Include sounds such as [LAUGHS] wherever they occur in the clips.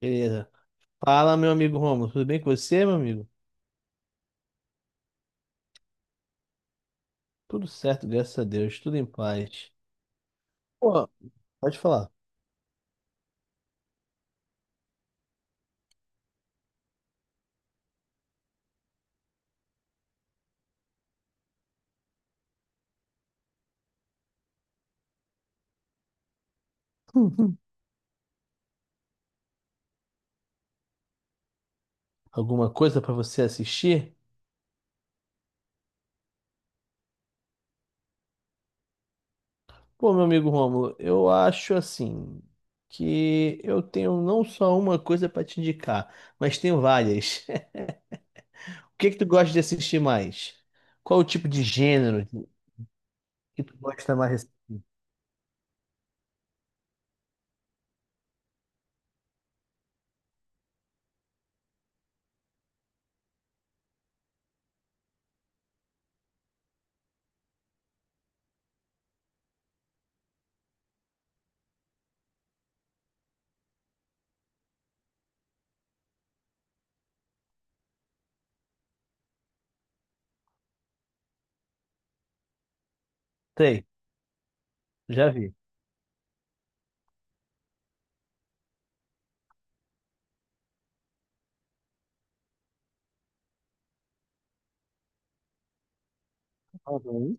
Beleza. Fala, meu amigo Romulo. Tudo bem com você, meu amigo? Tudo certo, graças a Deus. Tudo em paz. Pô, pode falar. [LAUGHS] Alguma coisa pra você assistir? Pô, meu amigo Romulo, eu acho assim que eu tenho não só uma coisa pra te indicar, mas tenho várias. [LAUGHS] O que que tu gosta de assistir mais? Qual o tipo de gênero que tu gosta mais? Sei, já vi. Uhum.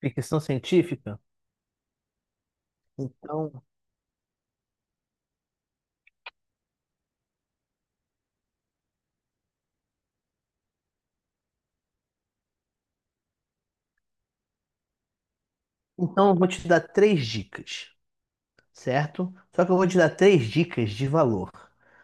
Ficção científica? Então, então eu vou te dar três dicas. Certo? Só que eu vou te dar três dicas de valor.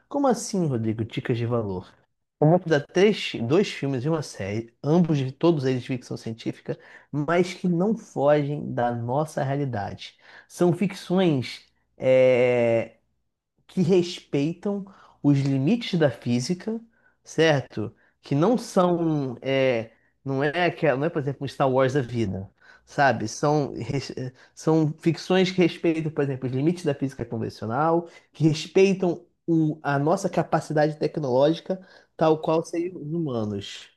Como assim, Rodrigo? Dicas de valor? Eu vou te dar três, dois filmes e uma série, ambos de todos eles de ficção científica, mas que não fogem da nossa realidade. São ficções é, que respeitam os limites da física, certo? Que não são, não é que não é, por exemplo, um Star Wars da vida, sabe? São, são ficções que respeitam, por exemplo, os limites da física convencional, que respeitam a nossa capacidade tecnológica, tal qual seres humanos.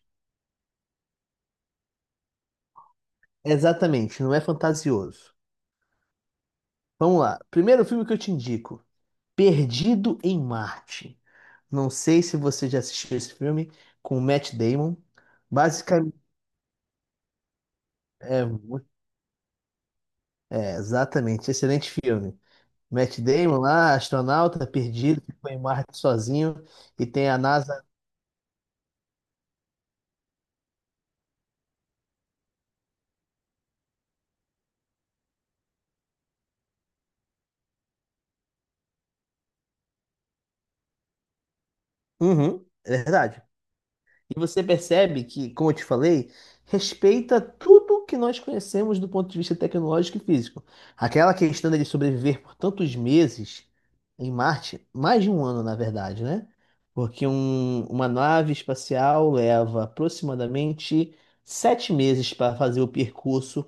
Exatamente, não é fantasioso. Vamos lá. Primeiro filme que eu te indico: Perdido em Marte. Não sei se você já assistiu esse filme com o Matt Damon. Basicamente, é, exatamente, excelente filme. Matt Damon lá, astronauta perdido, ficou em Marte sozinho e tem a NASA. Uhum, é verdade. E você percebe que, como eu te falei, respeita tudo que nós conhecemos do ponto de vista tecnológico e físico. Aquela questão dele sobreviver por tantos meses em Marte, mais de um ano, na verdade, né? Porque uma nave espacial leva aproximadamente sete meses para fazer o percurso,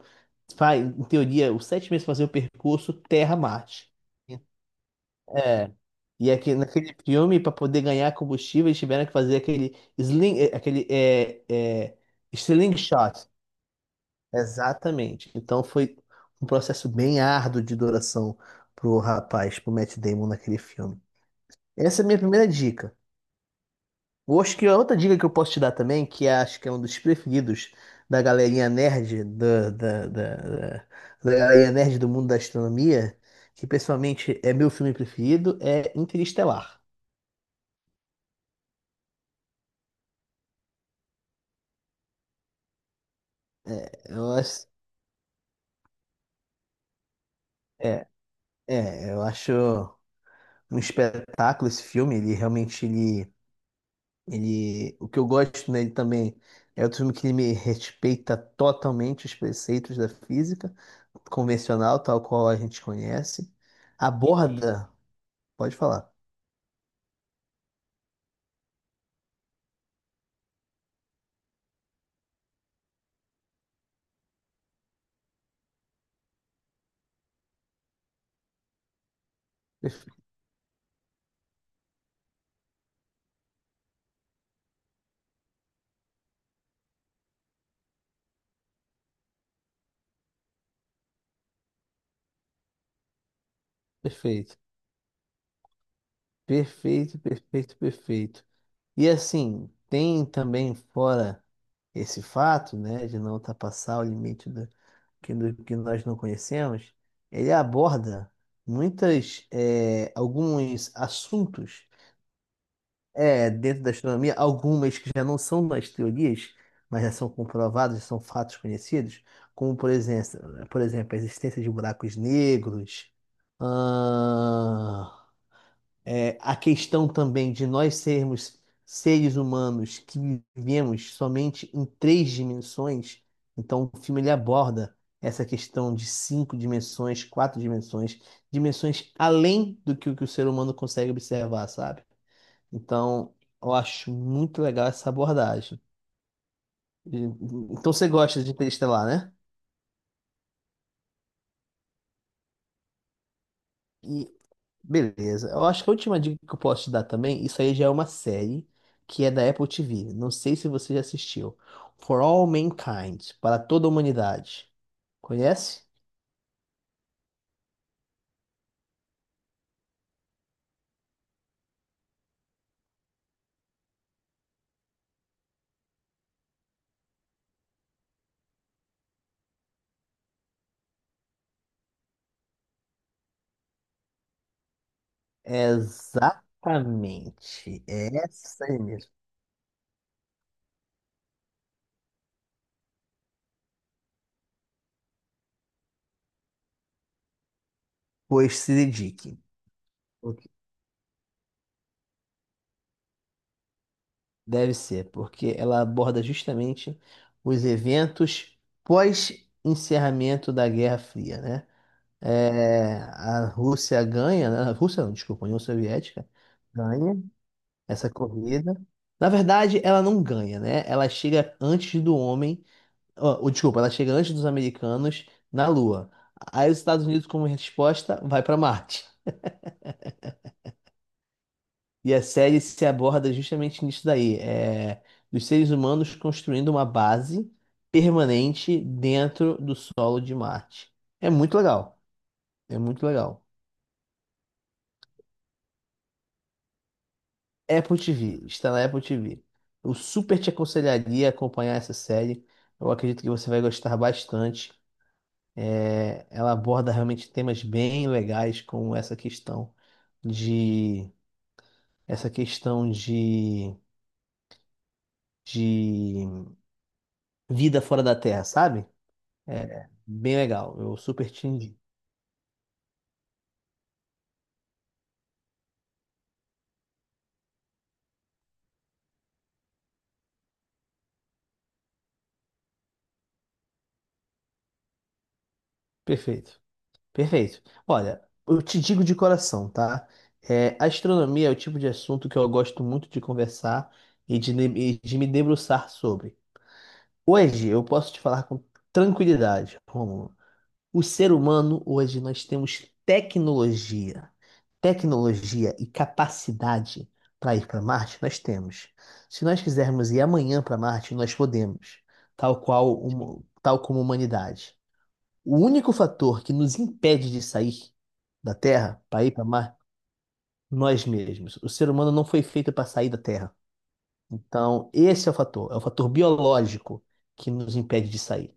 em teoria, os sete meses para fazer o percurso Terra-Marte. É. E aqui, naquele filme, para poder ganhar combustível, eles tiveram que fazer aquele sling, é, slingshot. Exatamente. Então foi um processo bem árduo de duração pro rapaz, pro Matt Damon naquele filme. Essa é a minha primeira dica. Eu acho que a outra dica que eu posso te dar também, que acho que é um dos preferidos da galerinha nerd, da galerinha nerd do mundo da astronomia, que pessoalmente é meu filme preferido, é Interestelar. É, eu acho um espetáculo esse filme. Ele realmente, o que eu gosto nele também é outro filme que ele me respeita totalmente os preceitos da física convencional, tal qual a gente conhece. Aborda, pode falar. Perfe- Perfeito, perfeito. E assim, tem também fora esse fato, né, de não ultrapassar o limite que, que nós não conhecemos, ele aborda muitas, alguns assuntos dentro da astronomia, algumas que já não são mais teorias, mas já são comprovadas, já são fatos conhecidos, como, por exemplo, a existência de buracos negros, a questão também de nós sermos seres humanos que vivemos somente em três dimensões, então o filme ele aborda essa questão de cinco dimensões, quatro dimensões, dimensões além do que o ser humano consegue observar, sabe? Então, eu acho muito legal essa abordagem. E- Então você gosta de Interestelar, né? E beleza. Eu acho que a última dica que eu posso te dar também, isso aí já é uma série que é da Apple TV. Não sei se você já assistiu. For All Mankind, para toda a humanidade. Conhece? Exatamente. É essa aí mesmo. Pois se dedique. O que deve ser, porque ela aborda justamente os eventos pós-encerramento da Guerra Fria, né? É, a Rússia ganha, né? A Rússia não, desculpa, a União Soviética ganha essa corrida. Na verdade, ela não ganha, né? Ela chega antes do homem, ó, ou, desculpa, ela chega antes dos americanos na Lua. Aí os Estados Unidos, como resposta, vai para Marte. E a série se aborda justamente nisso daí, é, dos seres humanos construindo uma base permanente dentro do solo de Marte. É muito legal, é muito legal. Apple TV, está na Apple TV. Eu super te aconselharia a acompanhar essa série. Eu acredito que você vai gostar bastante. É, ela aborda realmente temas bem legais como essa questão de essa questão de, de vida fora da Terra, sabe? É bem legal. Eu super te indico. Perfeito. Perfeito. Olha, eu te digo de coração, tá? É, astronomia é o tipo de assunto que eu gosto muito de conversar e de, ne- e de me debruçar sobre. Hoje eu posso te falar com tranquilidade, Rômulo. O ser humano, hoje, nós temos tecnologia, tecnologia e capacidade para ir para Marte, nós temos. Se nós quisermos ir amanhã para Marte, nós podemos, tal qual, tal como a humanidade. O único fator que nos impede de sair da Terra para ir para Marte, nós mesmos. O ser humano não foi feito para sair da Terra. Então, esse é o fator biológico que nos impede de sair.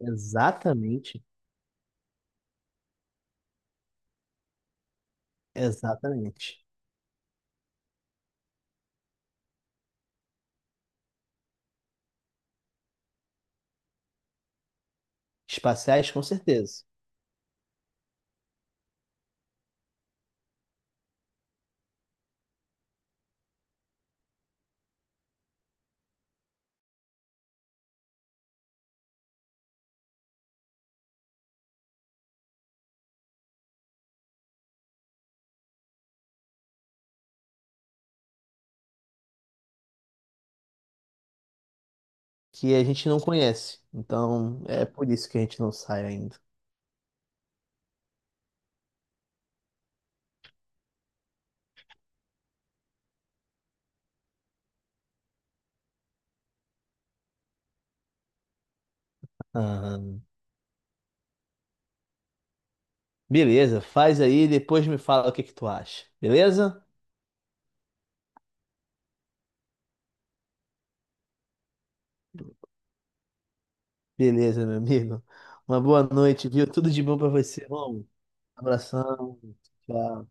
Exatamente, exatamente. Espaciais, com certeza. Que a gente não conhece. Então, é por isso que a gente não sai ainda. Ah, beleza, faz aí, depois me fala o que que tu acha. Beleza? Beleza, meu amigo. Uma boa noite, viu? Tudo de bom pra você, irmão. Abração. Tchau.